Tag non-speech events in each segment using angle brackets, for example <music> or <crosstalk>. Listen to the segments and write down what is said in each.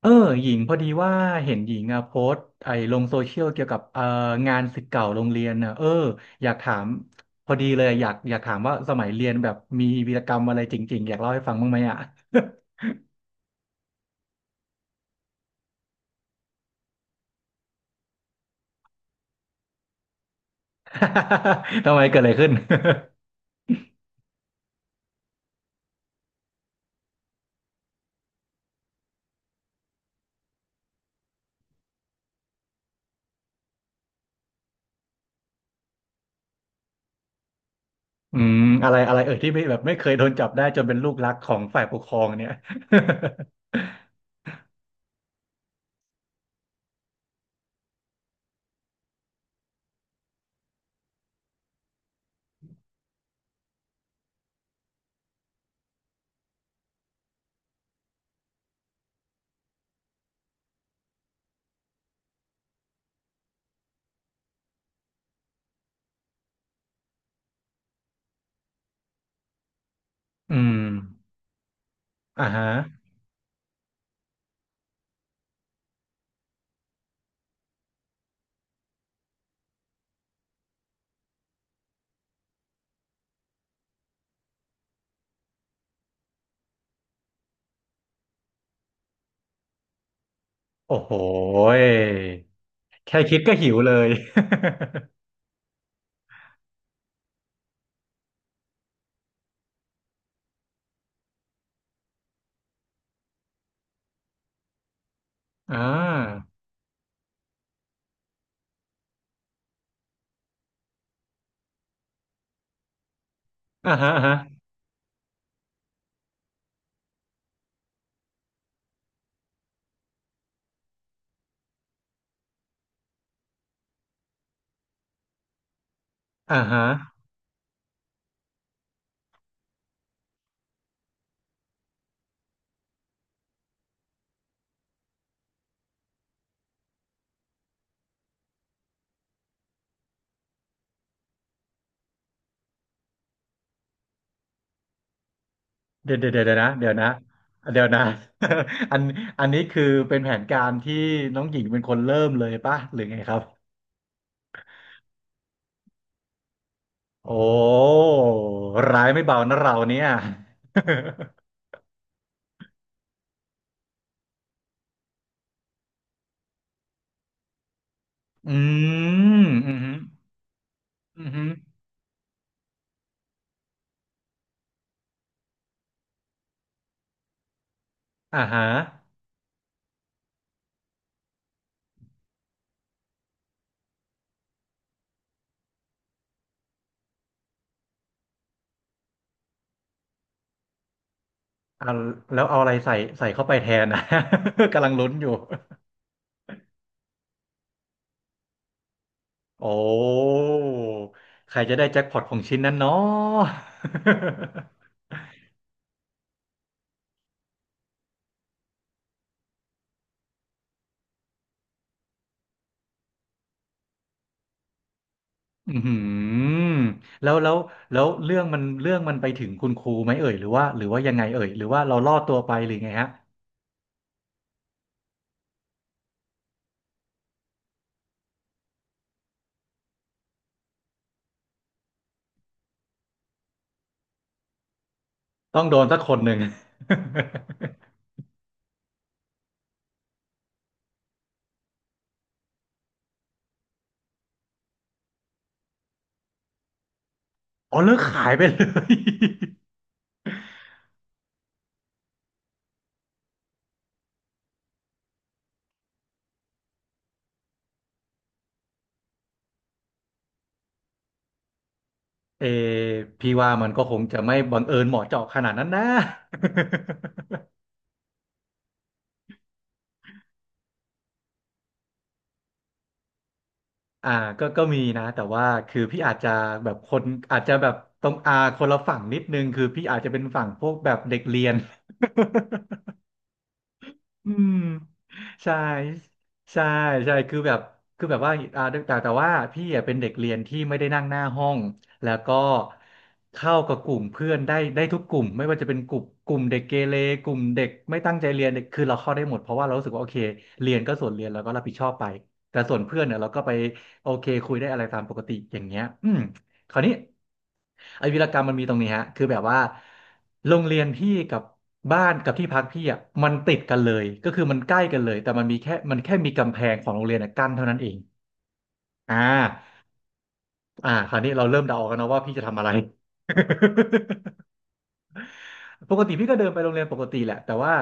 เออหญิงพอดีว่าเห็นหญิงอ่ะโพสต์ไอ้ลงโซเชียลเกี่ยวกับงานศิษย์เก่าโรงเรียนน่ะเอออยากถามพอดีเลยอยากถามว่าสมัยเรียนแบบมีวีรกรรมอะไรจริงๆอยากเล่าให้ฟังบ้างไหมอ่ะ <laughs> ทำไมเกิดอะไรขึ้น <laughs> อืมอะไรอะไรเอ่ยที่ไม่แบบไม่เคยโดนจับได้จนเป็นลูกรักของฝ่ายปกครองเนี่ย <laughs> อืมอ่าฮะโอ้โหยแค่คิดก็หิวเลย <laughs> อ่าอ่าฮะอ่าฮะอ่าฮะ เดี๋ยวนะเดี๋ยวนะ <laughs> อันอันนี้คือเป็นแผนการที่น้องหญิงเป็นคนเริ่มเลยป่ะหรือไงครับโอ้ร้ายไม่เบานะเราเนี่ย <laughs> อืมอืมอืมอ่าฮะอ่าแล้วเอาอะไรใส่เข้าไปแทนนะ <laughs> กำลังลุ้นอยู่โอ้ใครจะได้แจ็คพอตของชิ้นนั้นเนาะ <laughs> อืมแล้วแล้วแล้วเรื่องมันไปถึงคุณครูไหมเอ่ยหรือว่าหรือว่ายังไงเอ่ยหรือว่าเราลอดตัวไปหรือไงฮะต้องโดนสักคนหนึ่ง <laughs> อ๋อเลิกขายไปเลย <laughs> เออพี่ว่ามันก็คงจะไม่บังเอิญเหมาะเจาะขนาดนั้นนะ <laughs> อ่าก็ก็มีนะแต่ว่าคือพี่อาจจะแบบคนอาจจะแบบตรงอาคนละฝั่งนิดนึงคือพี่อาจจะเป็นฝั่งพวกแบบเด็กเรียน อืมใช่ใช่ใช่คือแบบคือแบบว่าอ่าแต่แต่ว่าพี่อ่ะเป็นเด็กเรียนที่ไม่ได้นั่งหน้าห้องแล้วก็เข้ากับกลุ่มเพื่อนได้ทุกกลุ่มไม่ว่าจะเป็นกลุ่มเด็กเกเรกลุ่มเด็กไม่ตั้งใจเรียนเด็กคือเราเข้าได้หมดเพราะว่าเรารู้สึกว่าโอเคเรียนก็ส่วนเรียนแล้วก็รับผิดชอบไปแต่ส่วนเพื่อนเนี่ยเราก็ไปโอเคคุยได้อะไรตามปกติอย่างเงี้ยอืม คราวนี้ไอ้วีรกรรมมันมีตรงนี้ฮะคือแบบว่าโรงเรียนพี่กับบ้านกับที่พักพี่อ่ะมันติดกันเลยก็คือมันใกล้กันเลยแต่มันแค่มีกำแพงของโรงเรียนอะกั้นเท่านั้นเองอ่าอ่าคราวนี้เราเริ่มเดาออกกันนะว่าพี่จะทำอะไร <laughs> ปกติพี่ก็เดินไปโรงเรียนปกติแหละแต่ว่า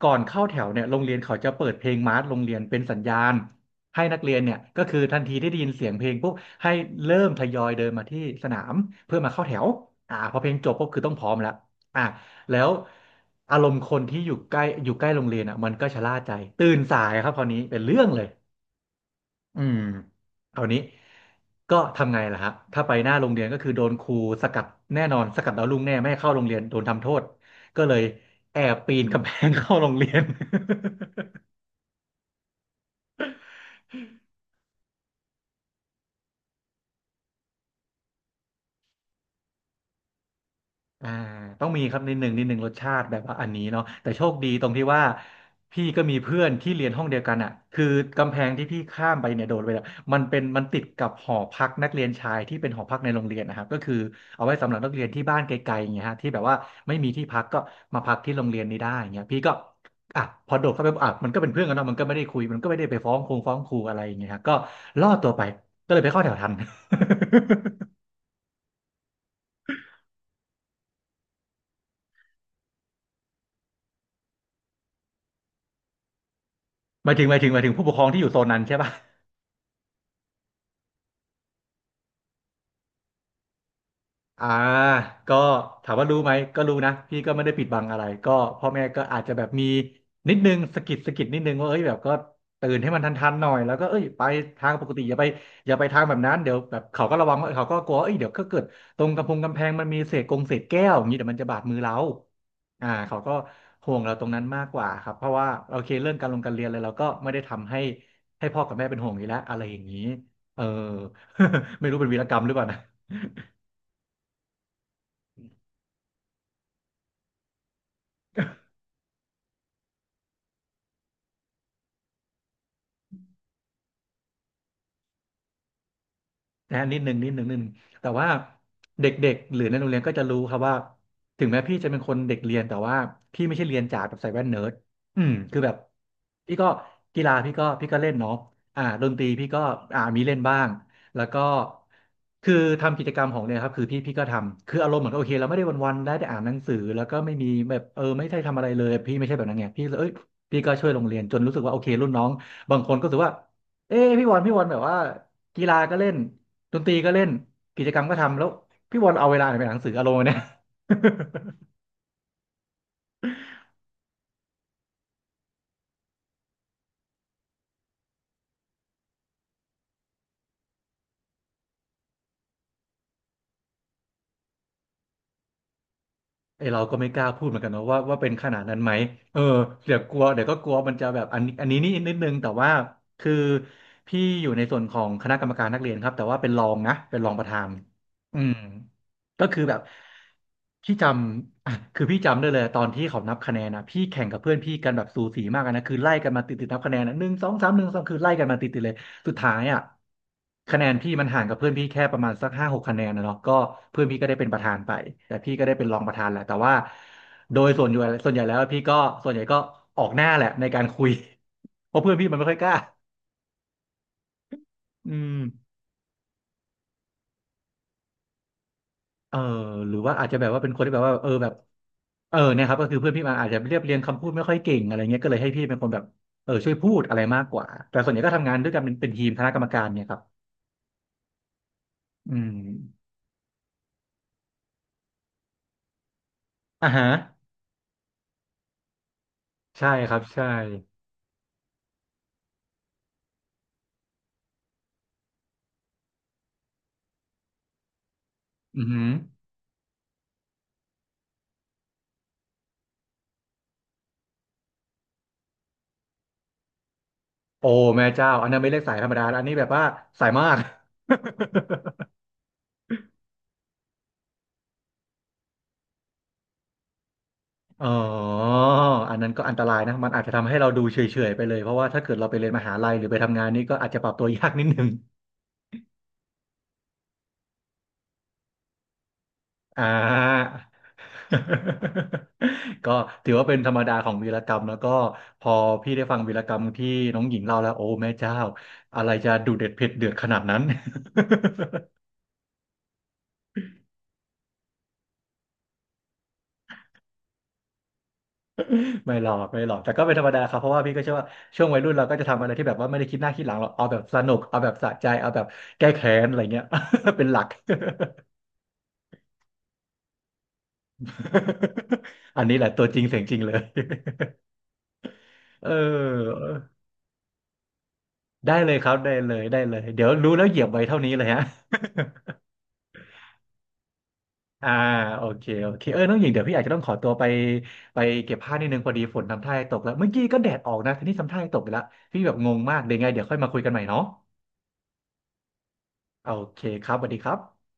ก่อนเข้าแถวเนี่ยโรงเรียนเขาจะเปิดเพลงมาร์ชโรงเรียนเป็นสัญญาณให้นักเรียนเนี่ยก็คือทันทีที่ได้ยินเสียงเพลงปุ๊บให้เริ่มทยอยเดินมาที่สนามเพื่อมาเข้าแถวอ่าพอเพลงจบปุ๊บคือต้องพร้อมแล้วอ่ะแล้วอารมณ์คนที่อยู่ใกล้โรงเรียนอ่ะมันก็ชะล่าใจตื่นสายครับคราวนี้เป็นเรื่องเลย อืมคราวนี้ ก็ทำไงล่ะครับถ้าไปหน้าโรงเรียนก็คือโดนครูสกัดแน่นอนสกัดดาวรุ่งแน่ไม่ให้เข้าโรงเรียนโดนทำโทษ ก็เลยแอบปีนกำแพง <laughs> เข้าโรงเรียน อ่าต้องมีครับนิดหนึ่งนิดหนึ่งรสชาติแบบว่าอันนี้เนาะแต่โชคดีตรงที่ว่าพี่ก็มีเพื่อนที่เรียนห้องเดียวกันอ่ะคือกำแพงที่พี่ข้ามไปเนี่ยโดดไปอะมันเป็นมันติดกับหอพักนักเรียนชายที่เป็นหอพักในโรงเรียนนะครับก็คือเอาไว้สำหรับนักเรียนที่บ้านไกลๆอย่างเงี้ยฮะที่แบบว่าไม่มีที่พักก็มาพักที่โรงเรียนนี้ได้อย่างเงี้ยพี่ก็อ่ะพอโดดเข้าไปอ่ะมันก็เป็นเพื่อนกันเนาะมันก็ไม่ได้คุยมันก็ไม่ได้ไปฟ้องฟ้องครูอะไรอย่างเงี้ยฮะก็ล่อตัวไปก็เลยไปเข้าแถวทัน <laughs> หมายถึงหมายถึงหมายถึงผู้ปกครองที่อยู่โซนนั้นใช่ปะ อ่าก็ถามว่ารู้ไหมก็รู้นะพี่ก็ไม่ได้ปิดบังอะไรก็พ่อแม่ก็อาจจะแบบมีนิดนึงสะกิดนิดนึงว่าเอ้ยแบบก็ตื่นให้มันทันๆหน่อยแล้วก็เอ้ยไปทางปกติอย่าไปทางแบบนั้นเดี๋ยวแบบเขาก็ระวังว่าเขาก็กลัว่าเอ้ยเดี๋ยวก็เกิดตรงกำแพงมันมีเศษกงเศษแก้วอย่างนี้เดี๋ยวมันจะบาดมือเราอ่าเขาก็ห่วงเราตรงนั้นมากกว่าครับเพราะว่าโอเคเรื่องการลงการเรียนอะไรเราก็ไม่ได้ทำให้ให้พ่อกับแม่เป็นห่วงอยู่แล้วอะไรอย่างนี้เออ <laughs> ไม่รู้เป็นวีรกรรมหรือเปล่านะ นะฮะนิดหนึ่งนิดหนึ่งนิดหนึ่งแต่ว่าเด็กๆหรือในโรงเรียนก็จะรู้ครับว่าถึงแม้พี่จะเป็นคนเด็กเรียนแต่ว่าพี่ไม่ใช่เรียนจ๋าแบบใส่แว่นเนิร์ดอืมคือแบบพี่ก็กีฬาพี่ก็เล่นเนาะดนตรีพี่ก็มีเล่นบ้างแล้วก็คือทำกิจกรรมของเนี่ยครับคือพี่ก็ทำคืออารมณ์เหมือนโอเคเราไม่ได้วันๆได้แต่อ่านหนังสือแล้วก็ไม่มีแบบเออไม่ได้ทำอะไรเลยพี่ไม่ใช่แบบนั้นไงพี่เลยเอ้ยพี่ก็ช่วยโรงเรียนจนรู้สึกว่าโอเครุ่นน้องบางคนก็รู้สึกว่าเอ้พี่วันพี่วันแบบว่ากีฬาก็เล่น ดนตรีก็เล่นกิจกรรมก็ทำแล้วพี่บอลเอาเวลาไหนไปอ่านหนังสืออารมณ์เนี่ย <laughs> ไอเราก็ไม่กล้าพูดเหมือนกันเนอะว่าเป็นขนาดนั้นไหมเออเดี๋ยวกลัวเดี๋ยวก็กลัวมันจะแบบอันนี้นี่นิดนึงแต่ว่าคือพี่อยู่ในส่วนของคณะกรรมการนักเรียนครับแต่ว่าเป็นรองนะเป็นรองประธานอืมก็คือแบบพี่จำ <laughs> อ่ะคือพี่จำได้เลยตอนที่เขานับคะแนนนะพี่แข่งกับเพื่อนพี่กันแบบสูสีมากอะนะคือไล่กันมาติดนับคะแนนนะหนึ่งสองสามหนึ่งสองคือไล่กันมาติดเลย สุดท้ายอ่ะคะแนนพี่มันห่างกับเพื่อนพี่แค่ประมาณสักห้าหกคะแนนนะเนาะก็เพื่อนพี่ก็ได้เป็นประธานไปแต่พี่ก็ได้เป็นรองประธานแหละแต่ว่าโดยส่วนใหญ่แล้วพี่ก็ส่วนใหญ่ก็ออกหน้าแหละในการคุย <laughs> เพราะเพื่อนพี่มันไม่ค่อยกล้าอืมเออหรือว่าอาจจะแบบว่าเป็นคนที่แบบว่าเออแบบเออเนี่ยครับก็คือเพื่อนพี่มาอาจจะเรียบเรียงคำพูดไม่ค่อยเก่งอะไรเงี้ยก็เลยให้พี่เป็นคนแบบเออช่วยพูดอะไรมากกว่าแต่ส่วนใหญ่ก็ทำงานด้วยกันเป็นทีมคณะกรรมการเนี่ยครับอืมอ่าฮะใช่ครับใช่อือหือ โอ้แม่เจ้าอันนั้นไม่เรียกสายธรรมดาแล้วอันนี้แบบว่าสายมาก <laughs> อ๋ออันนั้นก็อันตรายนะมันอาจจะทำให้เราดูเฉยๆไปเลยเพราะว่าถ้าเกิดเราไปเรียนมหาลัยหรือไปทำงานนี่ก็อาจจะปรับตัว <laughs> ยากนิดนึงอ่า <laughs> ก็ถือว่าเป็นธรรมดาของวีรกรรมแล้วก็พอพี่ได้ฟังวีรกรรมที่น้องหญิงเล่าแล้วโอ้แม่เจ้าอะไรจะดุเด็ดเผ็ดเดือดขนาดนั้น <laughs> ไม่หรอกไม่หรอกแต่ก็เป็นธรรมดาครับเพราะว่าพี่ก็เชื่อว่าช่วงวัยรุ่นเราก็จะทำอะไรที่แบบว่าไม่ได้คิดหน้าคิดหลังหรอกเอาแบบสนุกเอาแบบสะใจเอาแบบแก้แค้นอะไรเงี้ย <laughs> เป็นหลัก <laughs> อันนี้แหละตัวจริงเสียงจริงเลย <laughs> เออได้เลยครับได้เลยได้เลยเดี๋ยวรู้แล้วเหยียบไว้เท่านี้เลยฮะ <laughs> อ่าโอเคโอเคเออน้องหญิงเดี๋ยวพี่อาจจะต้องขอตัวไปไปเก็บผ้านิดนึงพอดีฝนทำท่าจะตกแล้วเมื่อกี้ก็แดดออกนะทีนี้ทำท่าจะตกไปแล้วพี่แบบงงมากเดี๋ยวไงเดี๋ยวค่อยมาคุยกันใหม่เนาะโอเคครับสวัสดีครับ